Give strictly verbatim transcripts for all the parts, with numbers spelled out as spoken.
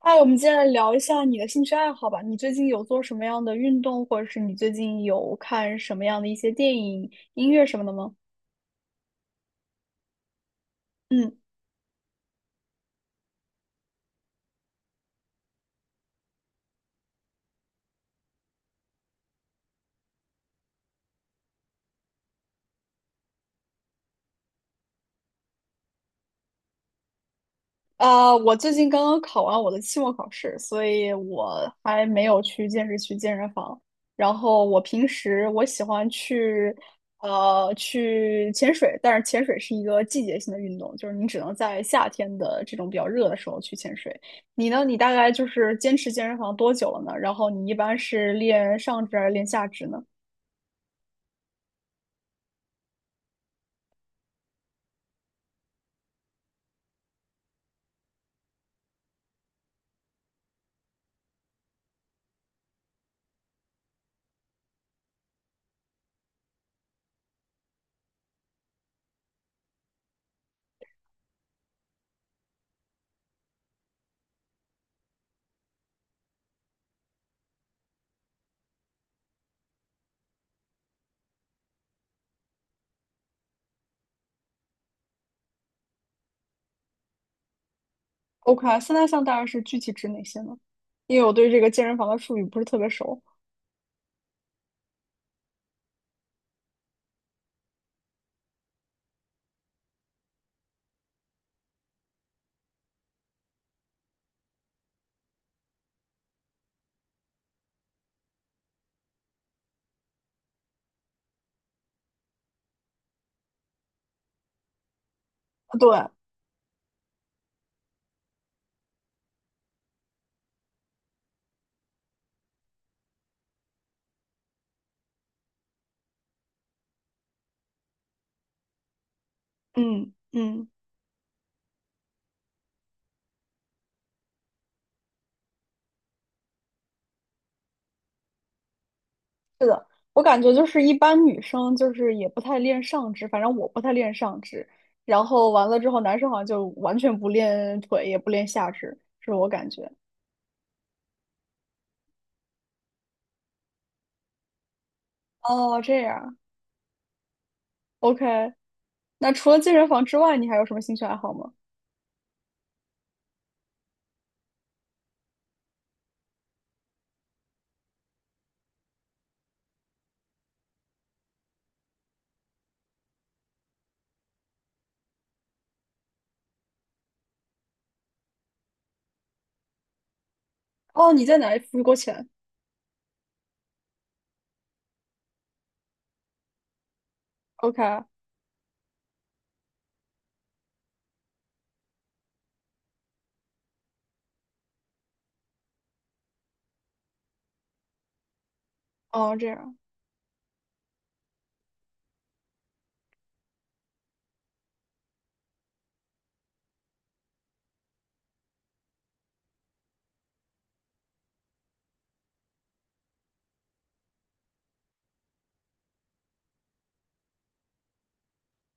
哎，我们接下来聊一下你的兴趣爱好吧。你最近有做什么样的运动，或者是你最近有看什么样的一些电影、音乐什么的吗？嗯。啊，我最近刚刚考完我的期末考试，所以我还没有去健身去健身房。然后我平时我喜欢去，呃，去潜水，但是潜水是一个季节性的运动，就是你只能在夏天的这种比较热的时候去潜水。你呢？你大概就是坚持健身房多久了呢？然后你一般是练上肢还是练下肢呢？OK，三大项大概是具体指哪些呢？因为我对这个健身房的术语不是特别熟。对，嗯嗯。是的，我感觉就是一般女生就是也不太练上肢，反正我不太练上肢。然后完了之后，男生好像就完全不练腿，也不练下肢，是我感觉。哦，这样，OK。那除了健身房之外，你还有什么兴趣爱好吗？哦，你在哪里付过钱？OK。哦，这样。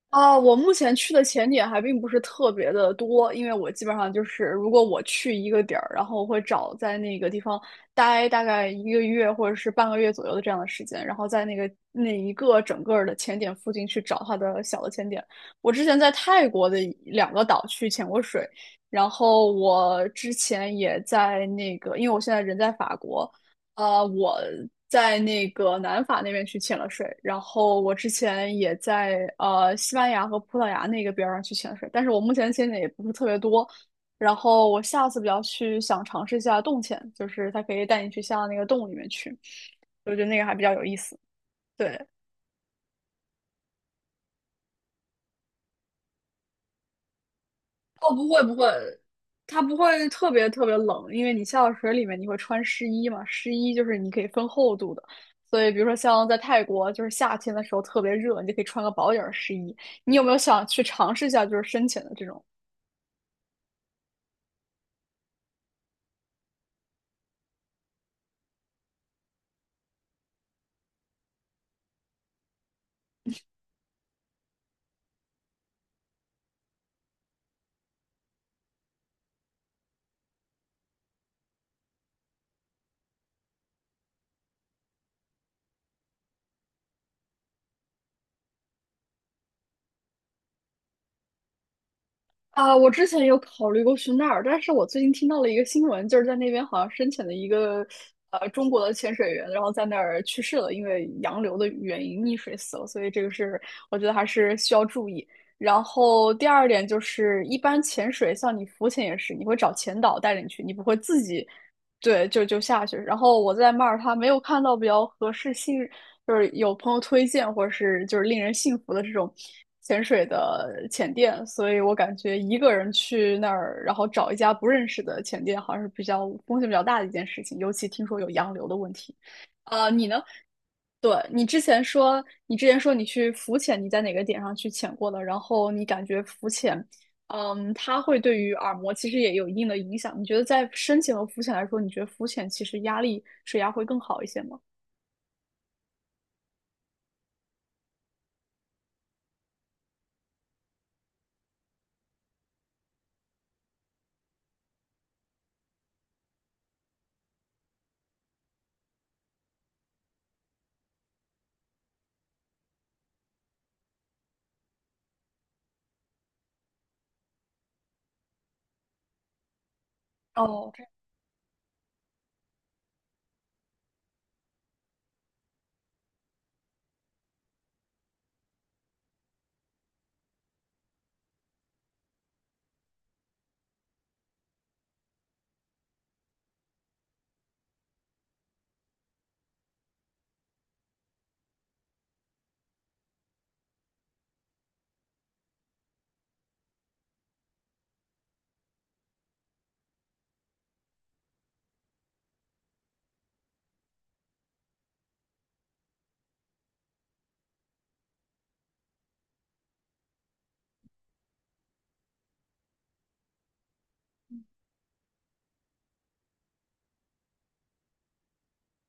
啊，我目前去的潜点还并不是特别的多，因为我基本上就是，如果我去一个点儿，然后我会找在那个地方待大概一个月或者是半个月左右的这样的时间，然后在那个那一个整个儿的潜点附近去找它的小的潜点。我之前在泰国的一两个岛去潜过水，然后我之前也在那个，因为我现在人在法国。呃，我在那个南法那边去潜了水，然后我之前也在呃西班牙和葡萄牙那个边儿上去潜水，但是我目前潜的也不是特别多。然后我下次比较去想尝试一下洞潜，就是它可以带你去下到那个洞里面去，我觉得那个还比较有意思。对，哦，不会不会，它不会特别特别冷，因为你下到水里面你会穿湿衣嘛，湿衣就是你可以分厚度的，所以比如说像在泰国，就是夏天的时候特别热，你就可以穿个薄点儿湿衣。你有没有想去尝试一下就是深潜的这种？啊，我之前有考虑过去那儿，但是我最近听到了一个新闻，就是在那边好像深潜的一个呃中国的潜水员，然后在那儿去世了，因为洋流的原因溺水死了，所以这个是我觉得还是需要注意。然后第二点就是，一般潜水像你浮潜也是，你会找潜导带着你去，你不会自己对，就就下去。然后我在马耳他没有看到比较合适信，就是有朋友推荐或者是就是令人信服的这种潜水的潜店，所以我感觉一个人去那儿，然后找一家不认识的潜店，好像是比较风险比较大的一件事情，尤其听说有洋流的问题。呃，你呢？对，你之前说，你之前说你去浮潜，你在哪个点上去潜过的？然后你感觉浮潜嗯，它会对于耳膜其实也有一定的影响。你觉得在深潜和浮潜来说，你觉得浮潜其实压力水压会更好一些吗？哦，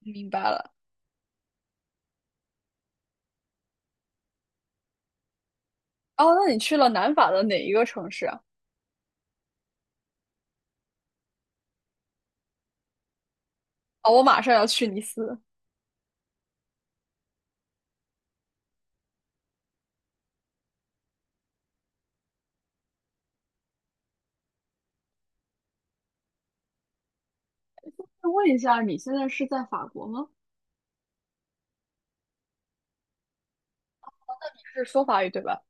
这明白了。哦，那你去了南法的哪一个城市啊？哦，我马上要去尼斯。那问一下，你现在是在法国吗？是说法语对吧？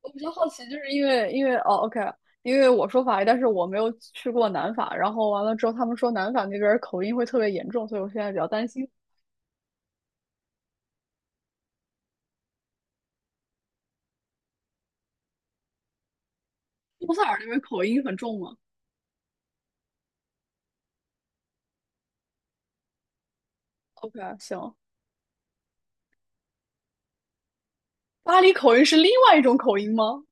我比较好奇，就是因为因为哦，OK,因为我说法语，但是我没有去过南法。然后完了之后，他们说南法那边儿口音会特别严重，所以我现在比较担心。乌塞尔那边口音很重吗？OK,行。巴黎口音是另外一种口音吗？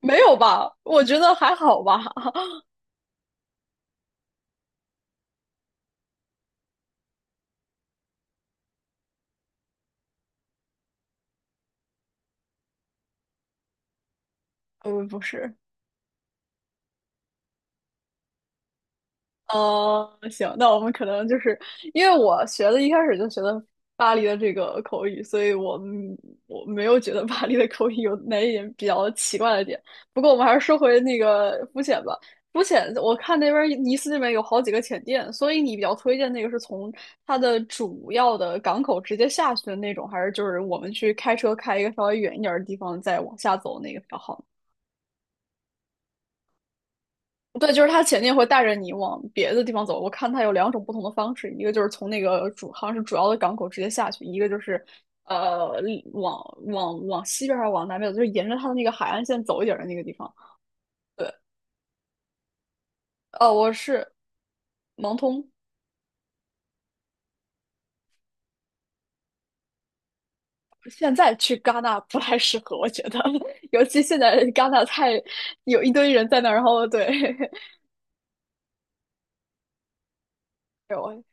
没有吧？我觉得还好吧。呃，不是，哦，行，那我们可能就是因为我学的一开始就学的巴黎的这个口语，所以我们我没有觉得巴黎的口语有哪一点比较奇怪的点。不过我们还是说回那个浮潜吧。浮潜，我看那边儿尼斯那边有好几个浅店，所以你比较推荐那个是从它的主要的港口直接下去的那种，还是就是我们去开车开一个稍微远一点儿的地方再往下走那个比较好呢？对，就是他前进会带着你往别的地方走。我看他有两种不同的方式，一个就是从那个主好像是主要的港口直接下去，一个就是呃往往往西边还是往南边走，就是沿着他的那个海岸线走一点的那个地方。哦，我是盲通，现在去戛纳不太适合，我觉得，尤其现在戛纳太有一堆人在那儿，然后对，我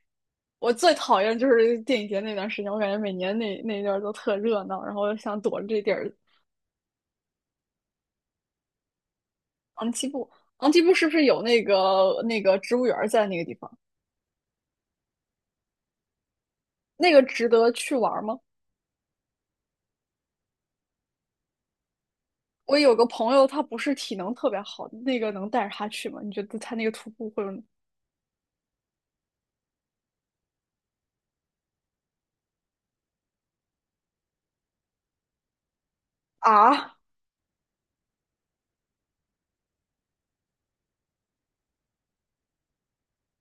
我最讨厌就是电影节那段时间，我感觉每年那那一段都特热闹，然后想躲着这地儿昂基布，昂基布是不是有那个那个植物园在那个地方？那个值得去玩吗？我有个朋友，他不是体能特别好，那个能带着他去吗？你觉得他那个徒步会有啊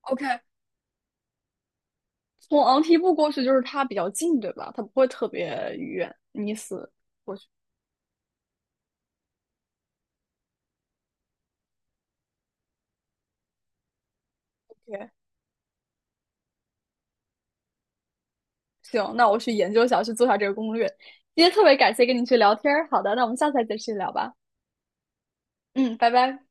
？OK,从昂基布过去就是它比较近，对吧？它不会特别远，你死过去。OK,行，那我去研究一下，去做一下这个攻略。今天特别感谢跟你去聊天儿，好的，那我们下次再继续聊吧。嗯，拜拜。